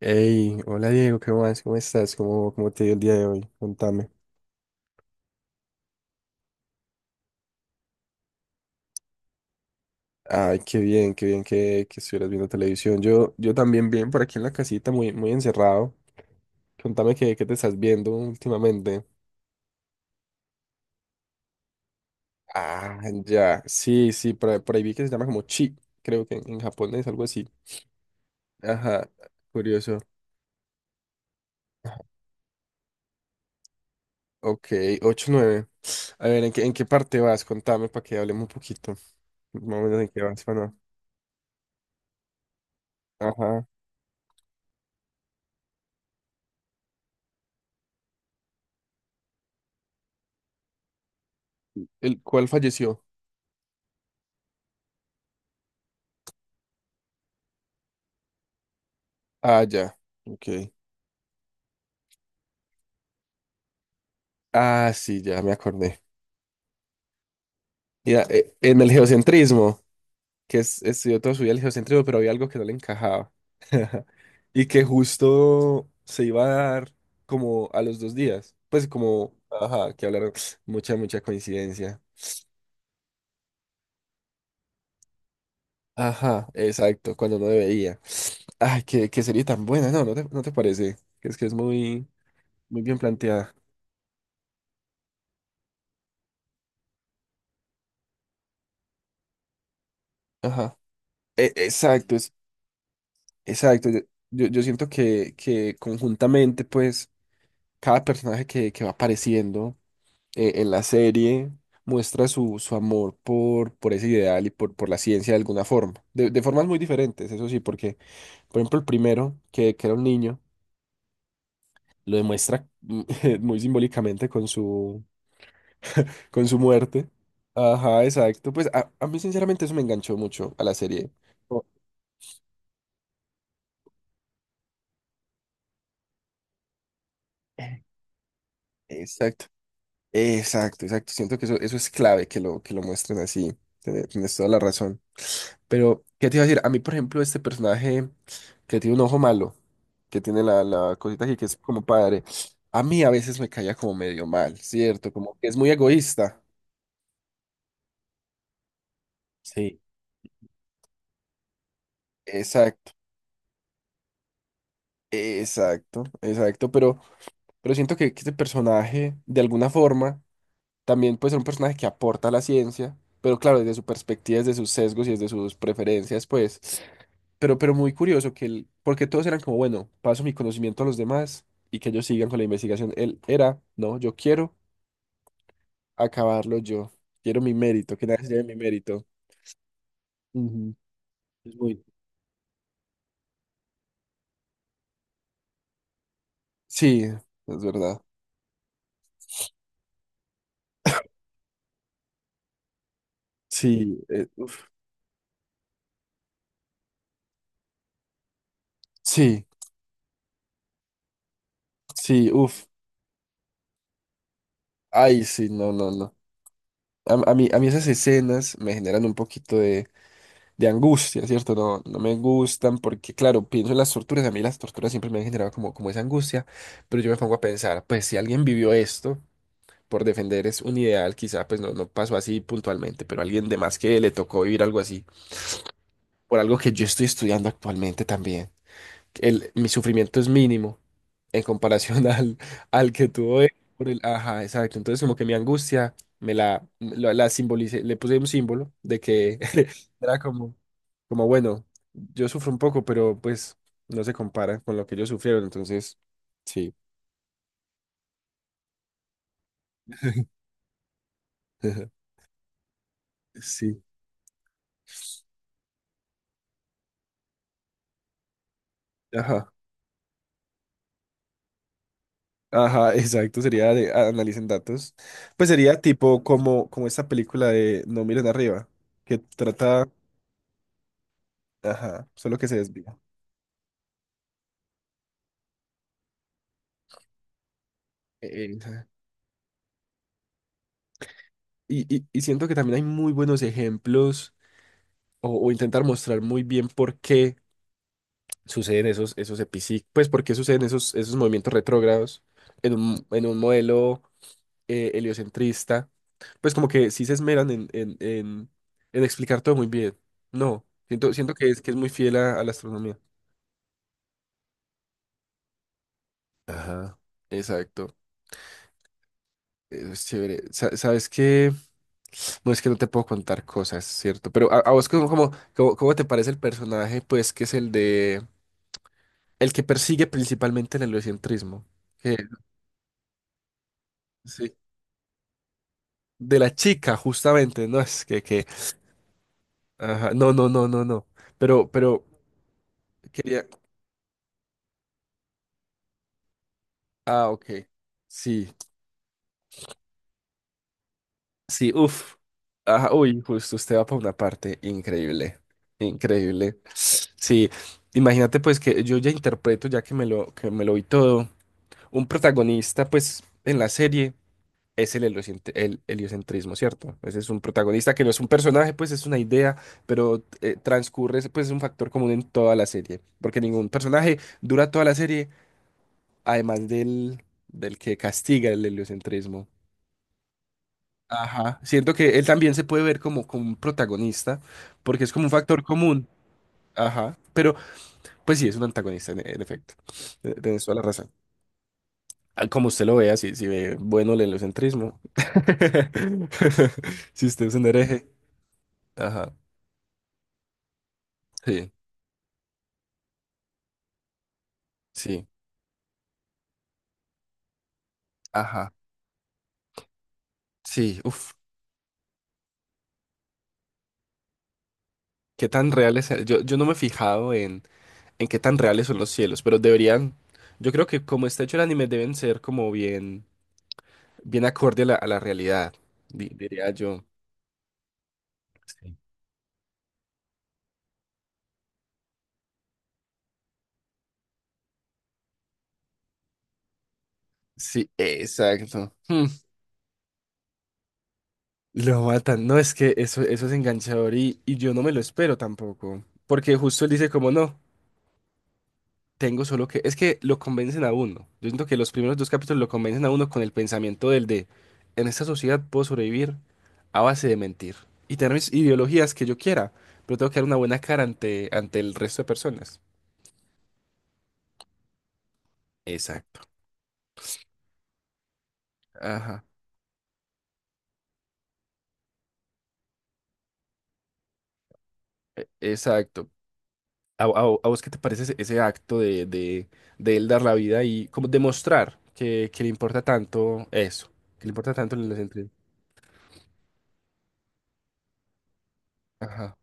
Hey, hola Diego, ¿qué más? ¿Cómo estás? ¿Cómo te dio el día de hoy? Contame. Ay, qué bien, qué bien que estuvieras viendo televisión. Yo también bien por aquí en la casita, muy, muy encerrado. Contame qué te estás viendo últimamente. Ah, ya. Sí, sí, ahí por ahí vi que se llama como chi, creo que en japonés, algo así. Ajá, curioso. Ok, 8 9. A ver, ¿en qué parte vas? Contame para que hablemos un poquito. Más o menos en qué vas, para no. Ajá. ¿El cuál falleció? Ah, ya. Ok. Ah, sí, ya me acordé. Mira, en el geocentrismo, que es, estudió toda su vida el geocentrismo, pero había algo que no le encajaba. Y que justo se iba a dar como a los 2 días. Pues como, ajá, que hablaron. Mucha, mucha coincidencia. Ajá, exacto, cuando no debería. Ay, qué serie tan buena, no te parece. Que es muy, muy bien planteada. Ajá. Exacto, es, exacto. Yo siento que conjuntamente, pues. Cada personaje que va apareciendo en la serie muestra su, su amor por ese ideal y por la ciencia de alguna forma, de formas muy diferentes, eso sí, porque, por ejemplo, el primero, que era un niño, lo demuestra muy simbólicamente con su muerte. Ajá, exacto. Pues a mí sinceramente eso me enganchó mucho a la serie. Oh, exacto. Exacto, exacto. Siento que eso es clave que lo muestren así. Tienes toda la razón. Pero, ¿qué te iba a decir? A mí, por ejemplo, este personaje que tiene un ojo malo, que tiene la, la cosita aquí que es como padre, a mí a veces me caía como medio mal, ¿cierto? Como que es muy egoísta. Sí. Exacto, exacto, exacto. Pero siento que este personaje, de alguna forma, también puede ser un personaje que aporta a la ciencia, pero claro, desde su perspectiva, desde sus sesgos y desde sus preferencias, pues. Pero muy curioso que él, porque todos eran como, bueno, paso mi conocimiento a los demás y que ellos sigan con la investigación. Él era, no, yo quiero acabarlo yo. Quiero mi mérito, que nadie se lleve mi mérito. Ujú. Es muy... Sí, es verdad. Sí, uf, sí, sí, uff. Ay, sí, no, no, no. A mí, a mí esas escenas me generan un poquito de angustia, ¿cierto? No, no me gustan porque, claro, pienso en las torturas. A mí las torturas siempre me han generado como, como esa angustia, pero yo me pongo a pensar, pues si alguien vivió esto por defender es un ideal, quizá pues no, no pasó así puntualmente, pero alguien de más que le tocó vivir algo así, por algo que yo estoy estudiando actualmente también. El, mi sufrimiento es mínimo en comparación al, al que tuvo él por el, ajá, exacto. Entonces como que mi angustia me la simbolicé, le puse un símbolo de que era como, como bueno, yo sufro un poco, pero pues no se compara con lo que ellos sufrieron, entonces sí. Sí. Ajá. Ajá, exacto, sería de analicen datos. Pues sería tipo como, como esta película de No miren arriba, que trata, ajá, solo que se desvía. Ajá. Y siento que también hay muy buenos ejemplos o intentar mostrar muy bien por qué suceden esos, pues por qué suceden esos, esos movimientos retrógrados en un modelo heliocentrista. Pues como que sí se esmeran en explicar todo muy bien. No, siento, siento que es muy fiel a la astronomía. Ajá, exacto. Eso es chévere. ¿Sabes qué? No es que no te puedo contar cosas, ¿cierto? Pero a vos ¿cómo te parece el personaje? Pues que es el de... El que persigue principalmente el heliocentrismo. Que, sí. De la chica, justamente, ¿no? Es que... Ajá. No, no, no, no, no. Pero... Quería... Ah, ok. Sí. Sí, uff. Ajá, uy, justo usted va para una parte increíble, increíble. Sí, imagínate pues que yo ya interpreto, ya que me lo vi todo, un protagonista pues en la serie es el, el heliocentrismo, ¿cierto? Ese es un protagonista que no es un personaje, pues es una idea, pero transcurre, pues es un factor común en toda la serie, porque ningún personaje dura toda la serie, además del, del que castiga el heliocentrismo. Ajá, siento que él también se puede ver como, como un protagonista, porque es como un factor común. Ajá, pero pues sí, es un antagonista, en efecto. Tienes toda la razón. Ah, como usted lo vea, si, si ve bueno el heliocentrismo, si usted es un hereje. Ajá, sí, sí, ajá, sí, uff, qué tan reales. Yo no me he fijado en qué tan reales son los cielos, pero deberían, yo creo que como está hecho el anime, deben ser como bien, bien acorde a la realidad, diría yo. Sí. Sí, exacto. Hmm. Lo matan. No, es que eso es enganchador y yo no me lo espero tampoco. Porque justo él dice como no, tengo solo que... Es que lo convencen a uno. Yo siento que los primeros dos capítulos lo convencen a uno con el pensamiento del de, en esta sociedad puedo sobrevivir a base de mentir y tener mis ideologías que yo quiera, pero tengo que dar una buena cara ante, ante el resto de personas. Exacto. Ajá. Exacto. ¿A vos qué te parece ese, ese acto de él dar la vida y como demostrar que le importa tanto eso? Que le importa tanto las entrevistas. Ajá,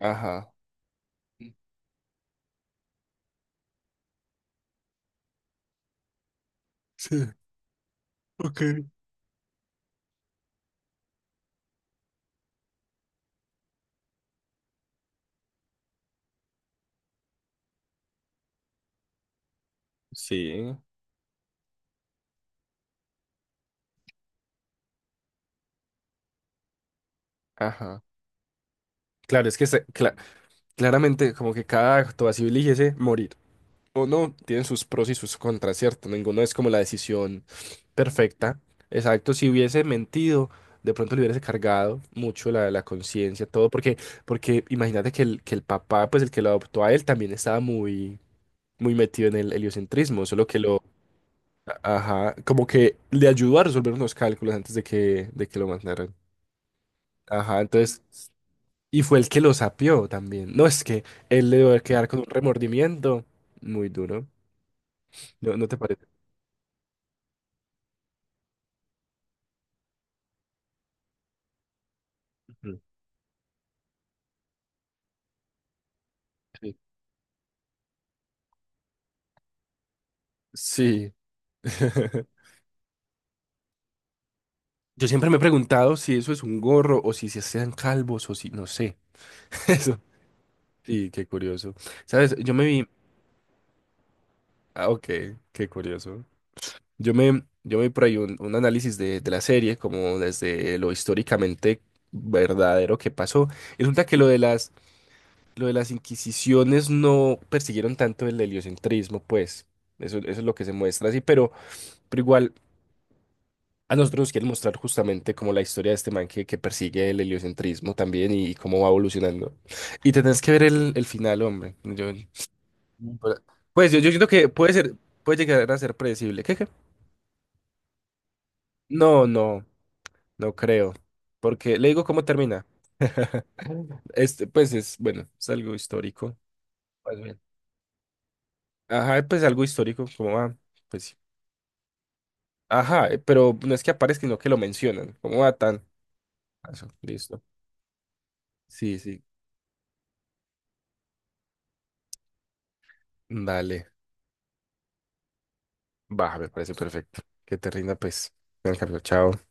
ajá. Sí, ok. Sí, ajá. Claro, es que claramente como que cada acto así eligiese morir. O no, tienen sus pros y sus contras, ¿cierto? Ninguno es como la decisión perfecta. Exacto, si hubiese mentido, de pronto le hubiese cargado mucho la, la conciencia, todo, porque, porque imagínate que el papá, pues el que lo adoptó a él, también estaba muy, muy metido en el heliocentrismo, solo que lo, ajá, como que le ayudó a resolver unos cálculos antes de que lo mandaran. Ajá, entonces, y fue el que lo sapió también. No, es que él le debe quedar con un remordimiento muy duro. ¿No, no te parece? Ujú. Sí. Yo siempre me he preguntado si eso es un gorro o si se sean calvos o si, no sé. Eso. Sí, qué curioso. ¿Sabes? Yo me vi. Ah, ok, qué curioso. Yo me, yo me vi por ahí un análisis de la serie, como desde lo históricamente verdadero que pasó. Y resulta que lo de las inquisiciones no persiguieron tanto el heliocentrismo, pues. Eso es lo que se muestra así, pero igual. A nosotros nos quieren mostrar justamente como la historia de este man que persigue el heliocentrismo también y cómo va evolucionando. Y tenés que ver el final, hombre. Yo, pues pues, yo siento que puede ser, puede llegar a ser predecible. ¿Qué, qué? No, no, no creo. Porque le digo cómo termina. Este, pues es, bueno, es algo histórico. Pues bien. Ajá, pues algo histórico, ¿cómo va, pues sí. Ajá, pero no es que aparezca, sino que lo mencionan. ¿Cómo va tan? Eso, listo. Sí, sí, dale. Va, me parece perfecto. Que te rinda, pues. En cambio, chao.